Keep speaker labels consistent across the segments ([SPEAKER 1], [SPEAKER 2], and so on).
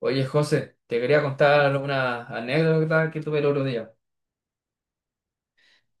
[SPEAKER 1] Oye, José, te quería contar una anécdota que tuve el otro día.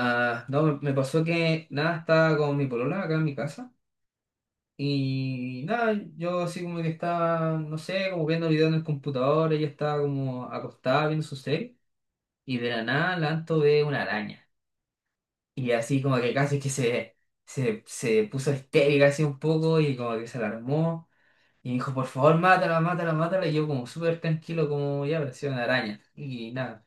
[SPEAKER 1] Ah, no, Me pasó que nada, estaba con mi polola acá en mi casa y nada, yo así como que estaba, no sé, como viendo videos en el computador, ella estaba como acostada viendo su serie y de la nada lanto ve una araña. Y así como que casi que se, se puso histérica así un poco y como que se alarmó. Y dijo, por favor, mátala, mátala, mátala. Y yo como súper tranquilo, como ya apareció una araña. Y nada.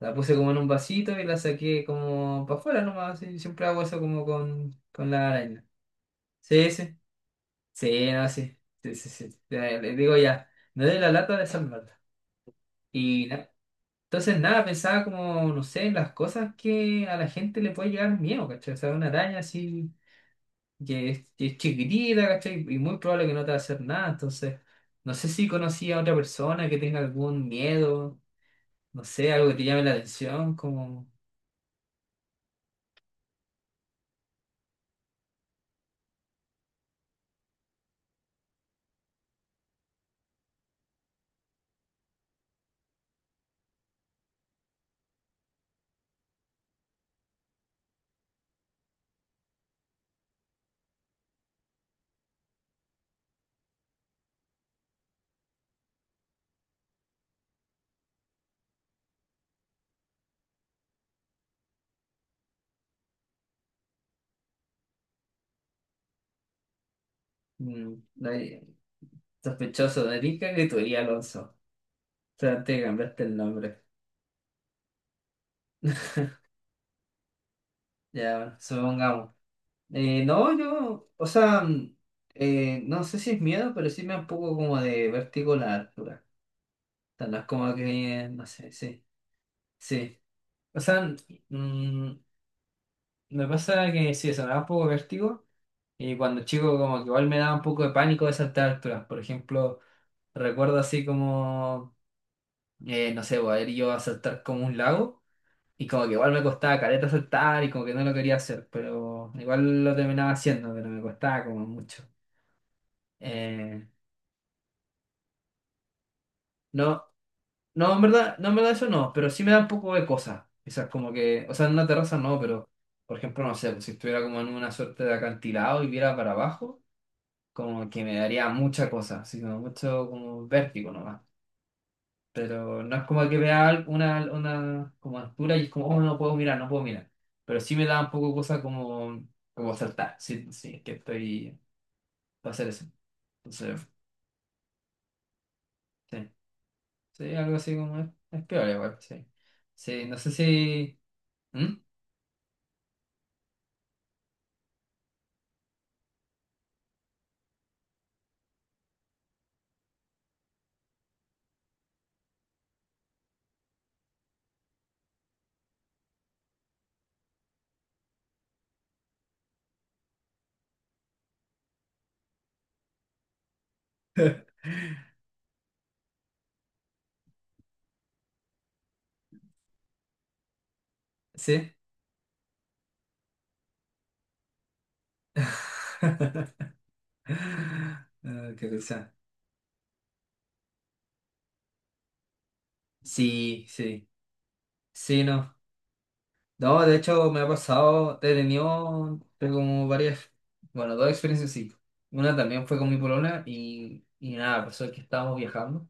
[SPEAKER 1] La puse como en un vasito y la saqué como para afuera nomás. Sí, siempre hago eso como con la araña. Sí, sí. Sí, no, sí. Sí, sí, sí. Ya, le digo ya, no de la lata de salvarla. Y na- entonces nada, pensaba como, no sé, en las cosas que a la gente le puede llegar miedo, ¿cachai? O sea, una araña así que es chiquitita, ¿cachai? Y muy probable que no te va a hacer nada. Entonces, no sé si conocí a otra persona que tenga algún miedo, no sé, algo que te llame la atención, como... mm, sospechoso de rica que tú eres, Alonso. O sea, antes de cambiarte el nombre. Ya, bueno, supongamos. No, yo, o sea, no sé si es miedo, pero sí me da un poco como de vértigo la altura. O sea, no es como que, no sé, sí, sí. O sea, mm, mm, me pasa que sí, eso me da un poco de vértigo. Y cuando chico, como que igual me daba un poco de pánico de saltar alturas. Por ejemplo, recuerdo así como, no sé, voy a ir yo a saltar como un lago. Y como que igual me costaba caleta soltar y como que no lo quería hacer, pero igual lo terminaba haciendo, pero me costaba como mucho. Eh, no, no, en verdad, no, en verdad eso no, pero sí me da un poco de cosa. Quizás como que, o sea, en una terraza no, pero por ejemplo, no sé, pues, si estuviera como en una suerte de acantilado y viera para abajo, como que me daría mucha cosa, así como mucho como vértigo nomás. Pero no es como que vea una como altura y es como, oh, no puedo mirar, no puedo mirar. Pero sí me da un poco cosa como, como saltar. Sí, sí, es que estoy para hacer eso. Entonces, sí, sí, algo así como es peor igual, sí. Sí, no sé si... ¿Mm? Sí. Ah, qué risa. Sí, sí. Sí, no. No, de hecho me ha pasado, he tenido pero como varias, bueno, dos experiencias sí. Una también fue con mi polona y nada, pasó que estábamos viajando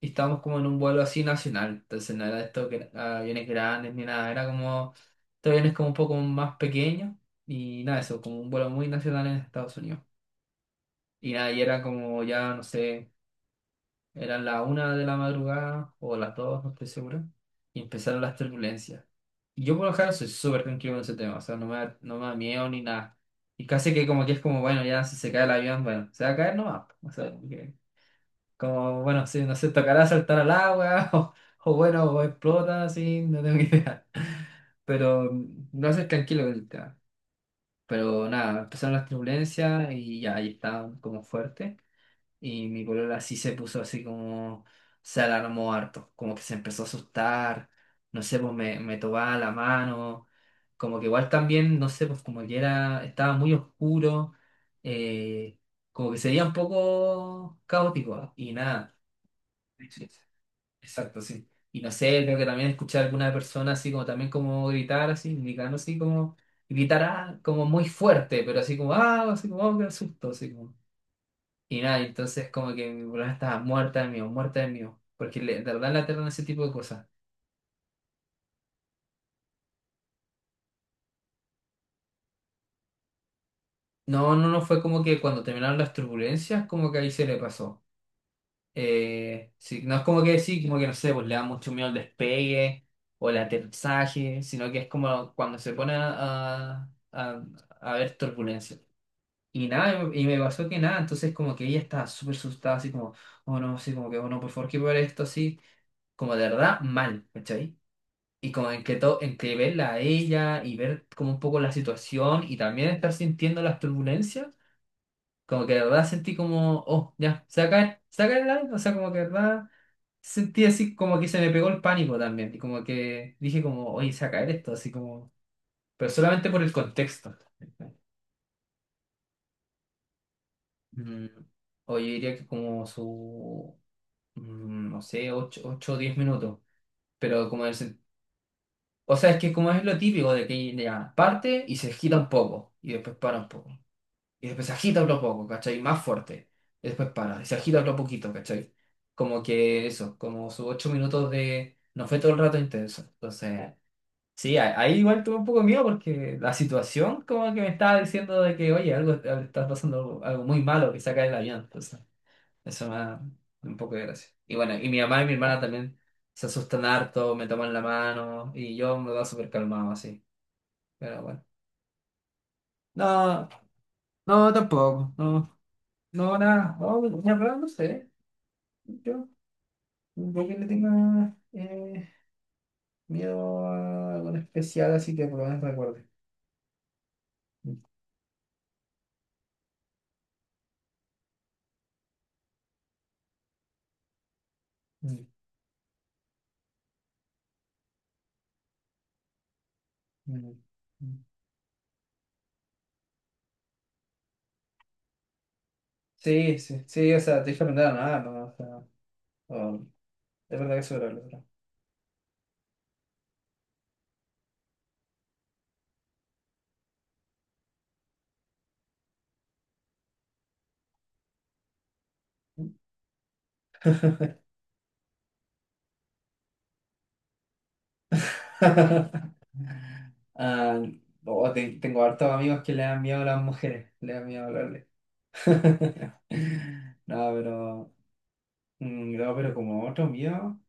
[SPEAKER 1] y estábamos como en un vuelo así nacional, entonces no era esto que aviones grandes ni nada, era como, estos aviones como un poco más pequeños y nada, eso, como un vuelo muy nacional en Estados Unidos. Y nada, y era como ya, no sé. Eran la 1 de la madrugada o las 2, no estoy seguro. Y empezaron las turbulencias. Y yo por lo general soy súper tranquilo con ese tema, o sea, no me da, no me da miedo ni nada. Y casi que como que es como, bueno, ya si se cae el avión, bueno, se va a caer nomás. O sea, como, que- como, bueno, si no se tocará saltar al agua o bueno, o explota, así, no tengo idea. Pero no soy tranquilo con el tema. Pero nada, empezaron las turbulencias y ya ahí estaban como fuertes. Y mi polola sí se puso así como, se alarmó harto, como que se empezó a asustar, no sé, pues me tomaba la mano, como que igual también, no sé, pues como que era, estaba muy oscuro, eh, como que sería un poco caótico, ¿ah? Y nada. Sí, exacto, sí. Y no sé, creo que también escuché a alguna persona así como también como gritar así, indicando así como, gritar ah, como muy fuerte, pero así como, ah, así como, oh, qué susto, así como. Y nada, entonces como que mi problema estaba muerta de miedo, porque de verdad le aterran ese tipo de cosas. No, no, no fue como que cuando terminaron las turbulencias, como que ahí se le pasó. Sí, no es como que sí, como que no sé, pues le da mucho miedo el despegue o el aterrizaje, sino que es como cuando se pone a, a a ver turbulencias. Y nada, y me pasó que nada, entonces como que ella estaba súper asustada, así como, oh no, así como que, oh no, por favor, que ver esto así, como de verdad mal, ¿cachai? Y como en que, en que verla a ella y ver como un poco la situación y también estar sintiendo las turbulencias, como que de verdad sentí como, oh, ya, se va a caer, se va a caer el avión. O sea, como que de verdad sentí así como que se me pegó el pánico también. Y como que dije como, oye, se va a caer esto, así como, pero solamente por el contexto. Mm, oye, diría que como no sé, ocho o 10 minutos. Pero como o sea, es que como es lo típico de que ya parte y se gira un poco y después para un poco. Y después se agita otro poco, ¿cachai? Más fuerte. Y después para. Y se agita otro poquito, ¿cachai? Como que eso, como sus 8 minutos de... No fue todo el rato intenso. Entonces, sí, ahí igual tuve un poco de miedo porque la situación como que me estaba diciendo de que, oye, algo está pasando algo, algo muy malo que saca el avión. Entonces, eso me da un poco de gracia. Y bueno, y mi mamá y mi hermana también se asustan harto, me toman la mano y yo me va súper calmado así. Pero bueno. No, no, tampoco. No, no, nada, no, en verdad no sé. Yo, yo que le tenga miedo a algo en especial, así que por lo menos recuerde. Mm, mm, mm. Sí, sí, sí, o sea, te dije aprender nada, no, o sea, oh, es verdad que soy horrible, pero- Ah, oh, tengo hartos amigos que le dan miedo a las mujeres, le dan miedo a hablarle. No, pero, no, pero como otro miedo,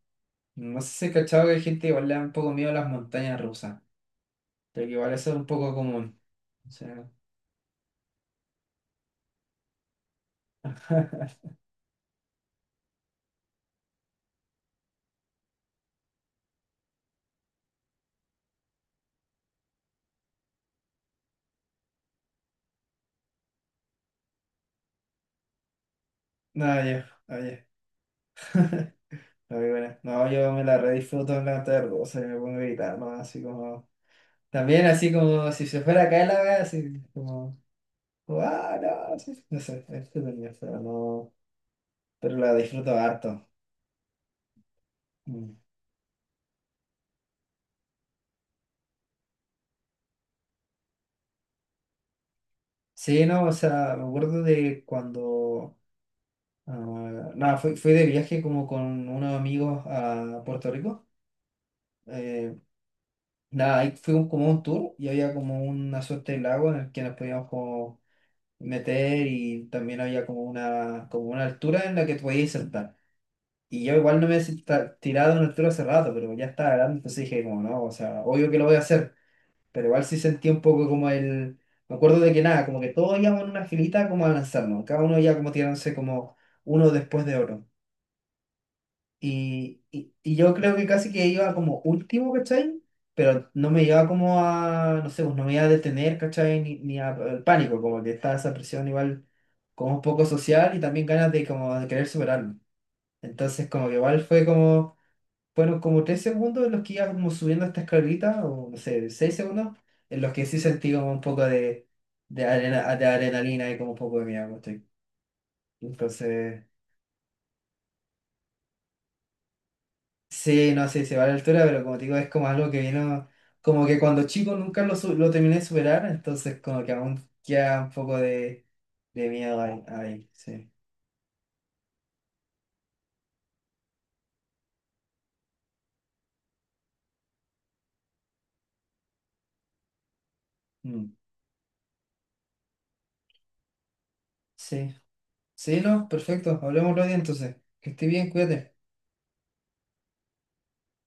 [SPEAKER 1] no sé si he cachado que hay gente que igual le da un poco miedo a las montañas rusas. Pero que igual eso es un poco común. O sea, no, yo, oye. No, y bueno, no, yo me la redisfruto en la tarde, o sea, me pongo a gritar, ¿no? Así como, también así como si se fuera a caer la wea, así como, ¡ah, no! Sí, sí", no sé, es entretenido, pero no, pero la disfruto harto. Mm. Sí, no, o sea, me acuerdo de cuando, ah, nada, fui, fui de viaje como con unos amigos a Puerto Rico, eh, nada, ahí fue como un tour y había como una suerte de lago en el que nos podíamos como meter y también había como una altura en la que te podías sentar. Y yo igual no me he tirado en una altura hace rato, pero ya estaba grande, entonces dije como no, o sea, obvio que lo voy a hacer, pero igual sí sentí un poco como el... Me acuerdo de que nada, como que todos íbamos en una filita como a lanzarnos, cada uno ya como tirándose como uno después de otro. Y yo creo que casi que iba como último, ¿cachai? Pero no me iba como a, no sé, pues no me iba a detener, ¿cachai? Ni, al pánico, como que estaba esa presión igual como un poco social y también ganas de como de querer superarlo. Entonces como que igual fue como, fueron como 3 segundos en los que iba como subiendo esta escalerita, o no sé, 6 segundos, en los que sí sentí como un poco de, arena, de adrenalina y como un poco de miedo, ¿cachai? Entonces... Sí, no, sé se va a la altura, pero como te digo, es como algo que vino, como que cuando chico nunca lo terminé de superar, entonces como que aún queda un poco de miedo ahí, ahí, sí. Mm. Sí, sí, no, perfecto, hablemos otro día entonces. Que esté bien, cuídate.